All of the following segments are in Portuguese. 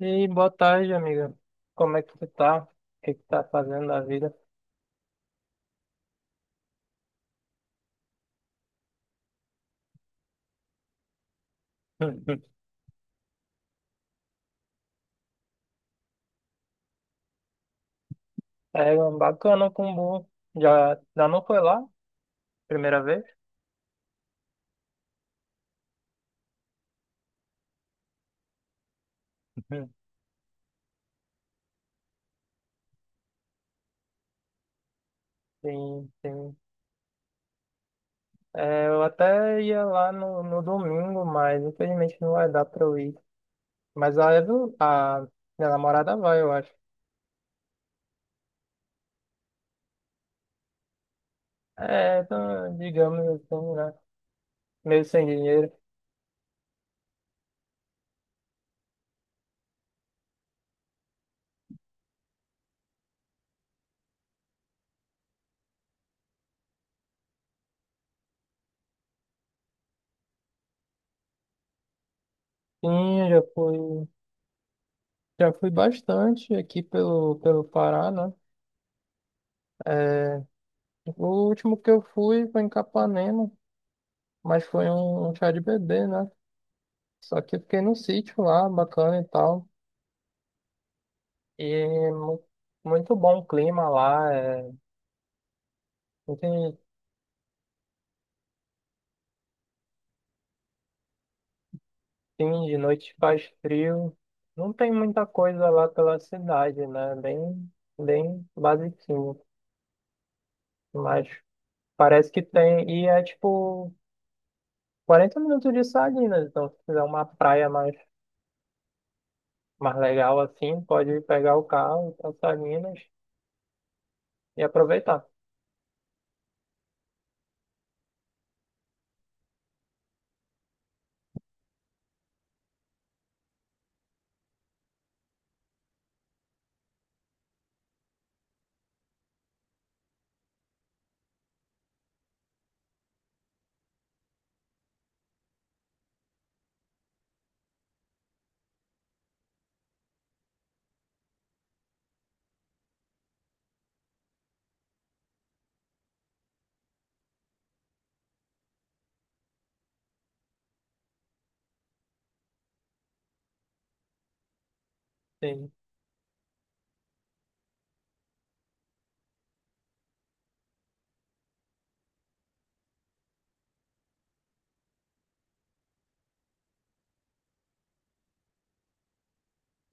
E boa tarde, amiga. Como é que você tá? O que que tá fazendo da vida? É bacana o Kumbu. Já, já não foi lá? Primeira vez? Sim, sim. É, eu até ia lá no domingo, mas infelizmente não vai dar pra eu ir. Mas a minha namorada vai, eu acho. É, então, digamos assim, né? Meio sem dinheiro. Sim, eu já fui bastante aqui pelo Pará, né? É, o último que eu fui foi em Capanema, mas foi um chá de bebê, né? Só que eu fiquei no sítio lá, bacana e tal. E muito bom o clima lá. Não. Tem de noite faz frio. Não tem muita coisa lá pela cidade, né? Bem basiquinho. Mas parece que tem. E é tipo 40 minutos de Salinas. Então, se quiser uma praia mais legal assim, pode pegar o carro ir pra Salinas e aproveitar. Sim.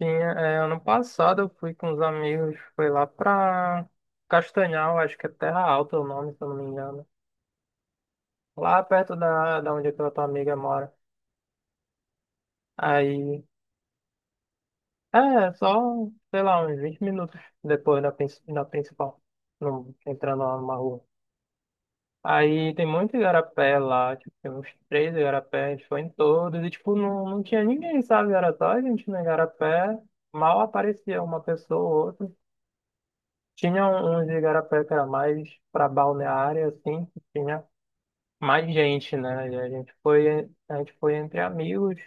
Sim, é, ano passado eu fui com os amigos, foi lá pra Castanhal, acho que é Terra Alta o nome, se eu não me engano. Lá perto da onde aquela tua amiga mora. Aí, é, só, sei lá, uns 20 minutos depois da principal, entrando lá numa rua. Aí tem muito igarapé lá, tipo, tem uns três igarapé, a gente foi em todos, e tipo, não tinha ninguém, sabe? Era só a gente no igarapé, mal aparecia uma pessoa ou outra. Tinha uns igarapé que era mais para balneária, assim, que tinha mais gente, né? E a gente foi entre amigos,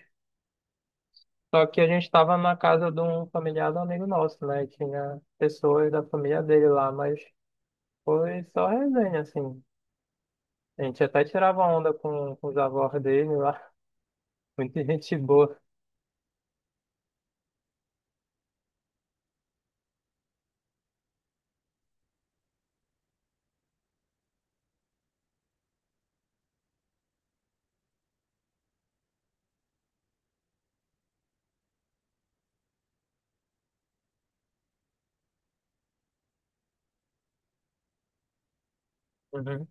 só que a gente estava na casa de um familiar do amigo nosso, né? E tinha pessoas da família dele lá, mas foi só resenha, assim. A gente até tirava onda com os avós dele lá, muita gente boa. Uhum.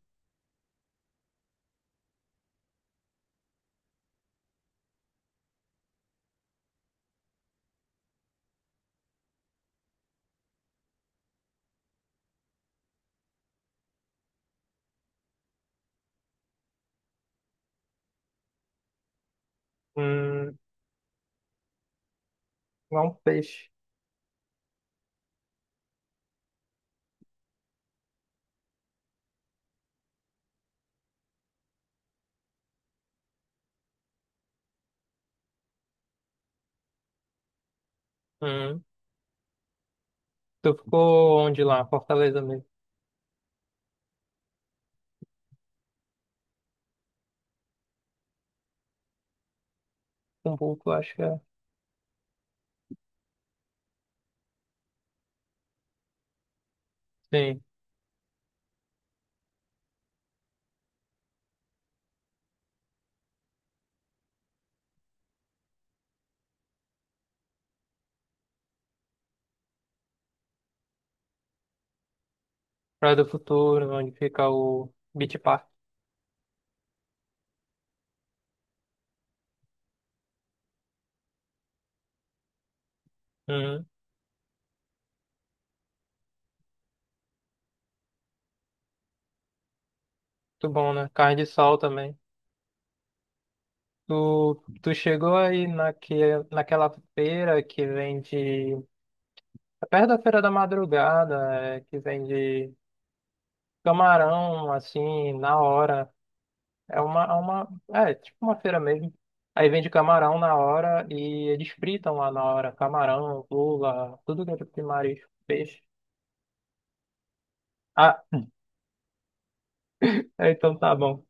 Hum, não um peixe. Uhum. Tu ficou onde lá? Fortaleza mesmo? Cumbuco, acho que é. Sim. Praia do Futuro, onde fica o Beach Park. Uhum. Muito bom, né? Carne de sol também. Tu, tu chegou aí naquela feira que vende. É perto da Feira da Madrugada, é, que vende camarão, assim, na hora. É uma. É, tipo uma feira mesmo. Aí vende camarão na hora e eles fritam lá na hora. Camarão, lula, tudo que é tipo de marisco, peixe. Ah, então tá bom.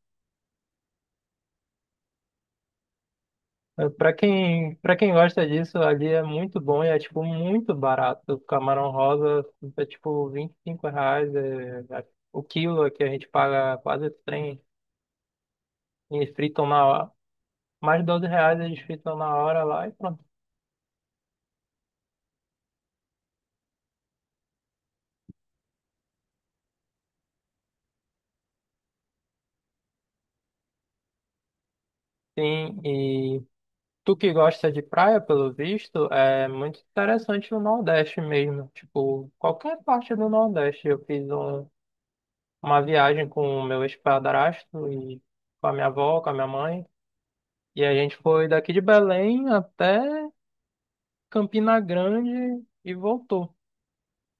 Para quem gosta disso, ali é muito bom e é, tipo, muito barato. O camarão rosa é, tipo, R$ 25 é, o quilo aqui a gente paga quase trem e fritam na hora. Mais R$ 12 eles fritam na hora lá e pronto. Sim, e tu que gosta de praia, pelo visto, é muito interessante o Nordeste mesmo. Tipo, qualquer parte do Nordeste. Eu fiz uma viagem com o meu ex-padrasto e com a minha avó, com a minha mãe. E a gente foi daqui de Belém até Campina Grande e voltou.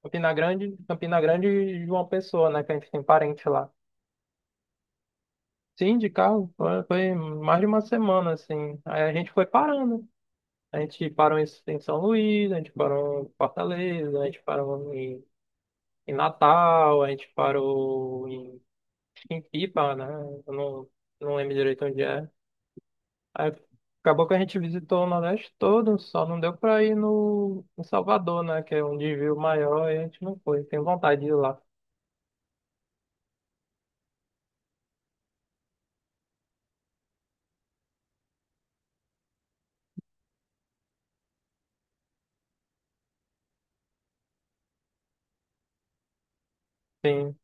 Campina Grande, Campina Grande e João Pessoa, né? Que a gente tem parente lá. Sim, de carro. Foi mais de uma semana, assim. Aí a gente foi parando. A gente parou em São Luís, a gente parou em Fortaleza, a gente parou em Natal, a gente parou em Pipa, né? Eu não lembro direito onde é. Aí acabou que a gente visitou o Nordeste todo, só não deu pra ir no em Salvador, né? Que é um desvio maior e a gente não foi. Tem vontade de ir lá. Sim.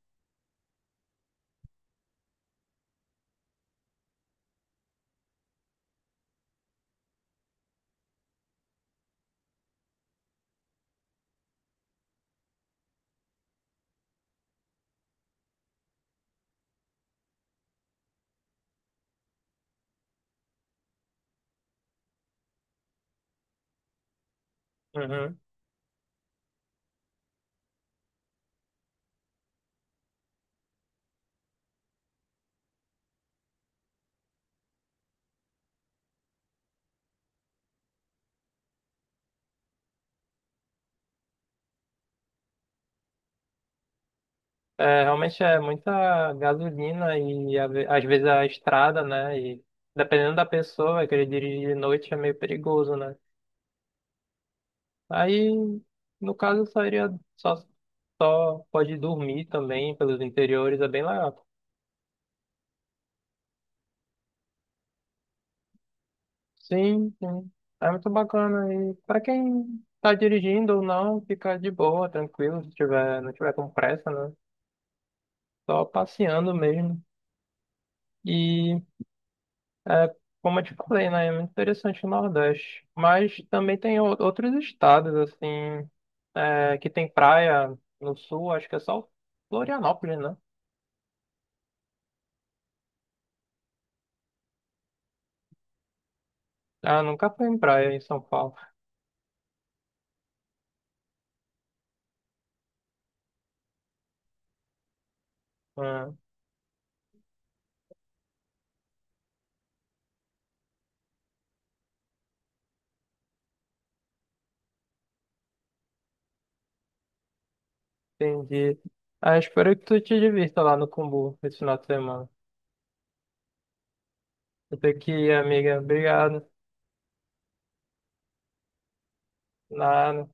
Uhum. É, realmente é muita gasolina e às vezes a estrada, né? E dependendo da pessoa, querer dirigir de noite é meio perigoso, né? Aí, no caso, eu sairia só. Só pode dormir também pelos interiores, é bem legal. Sim, sim. É muito bacana. E para quem tá dirigindo ou não, fica de boa, tranquilo, se tiver, não tiver com pressa, né? Só passeando mesmo. E é, como eu te falei, né? É muito interessante o Nordeste. Mas também tem outros estados, assim, é, que tem praia no sul, acho que é só Florianópolis, né? Ah, nunca fui em praia em São Paulo. Ah, entendi. Ah, espero que tu te divirta lá no Cumbu esse final de semana. Até aqui, amiga. Obrigado. Nada.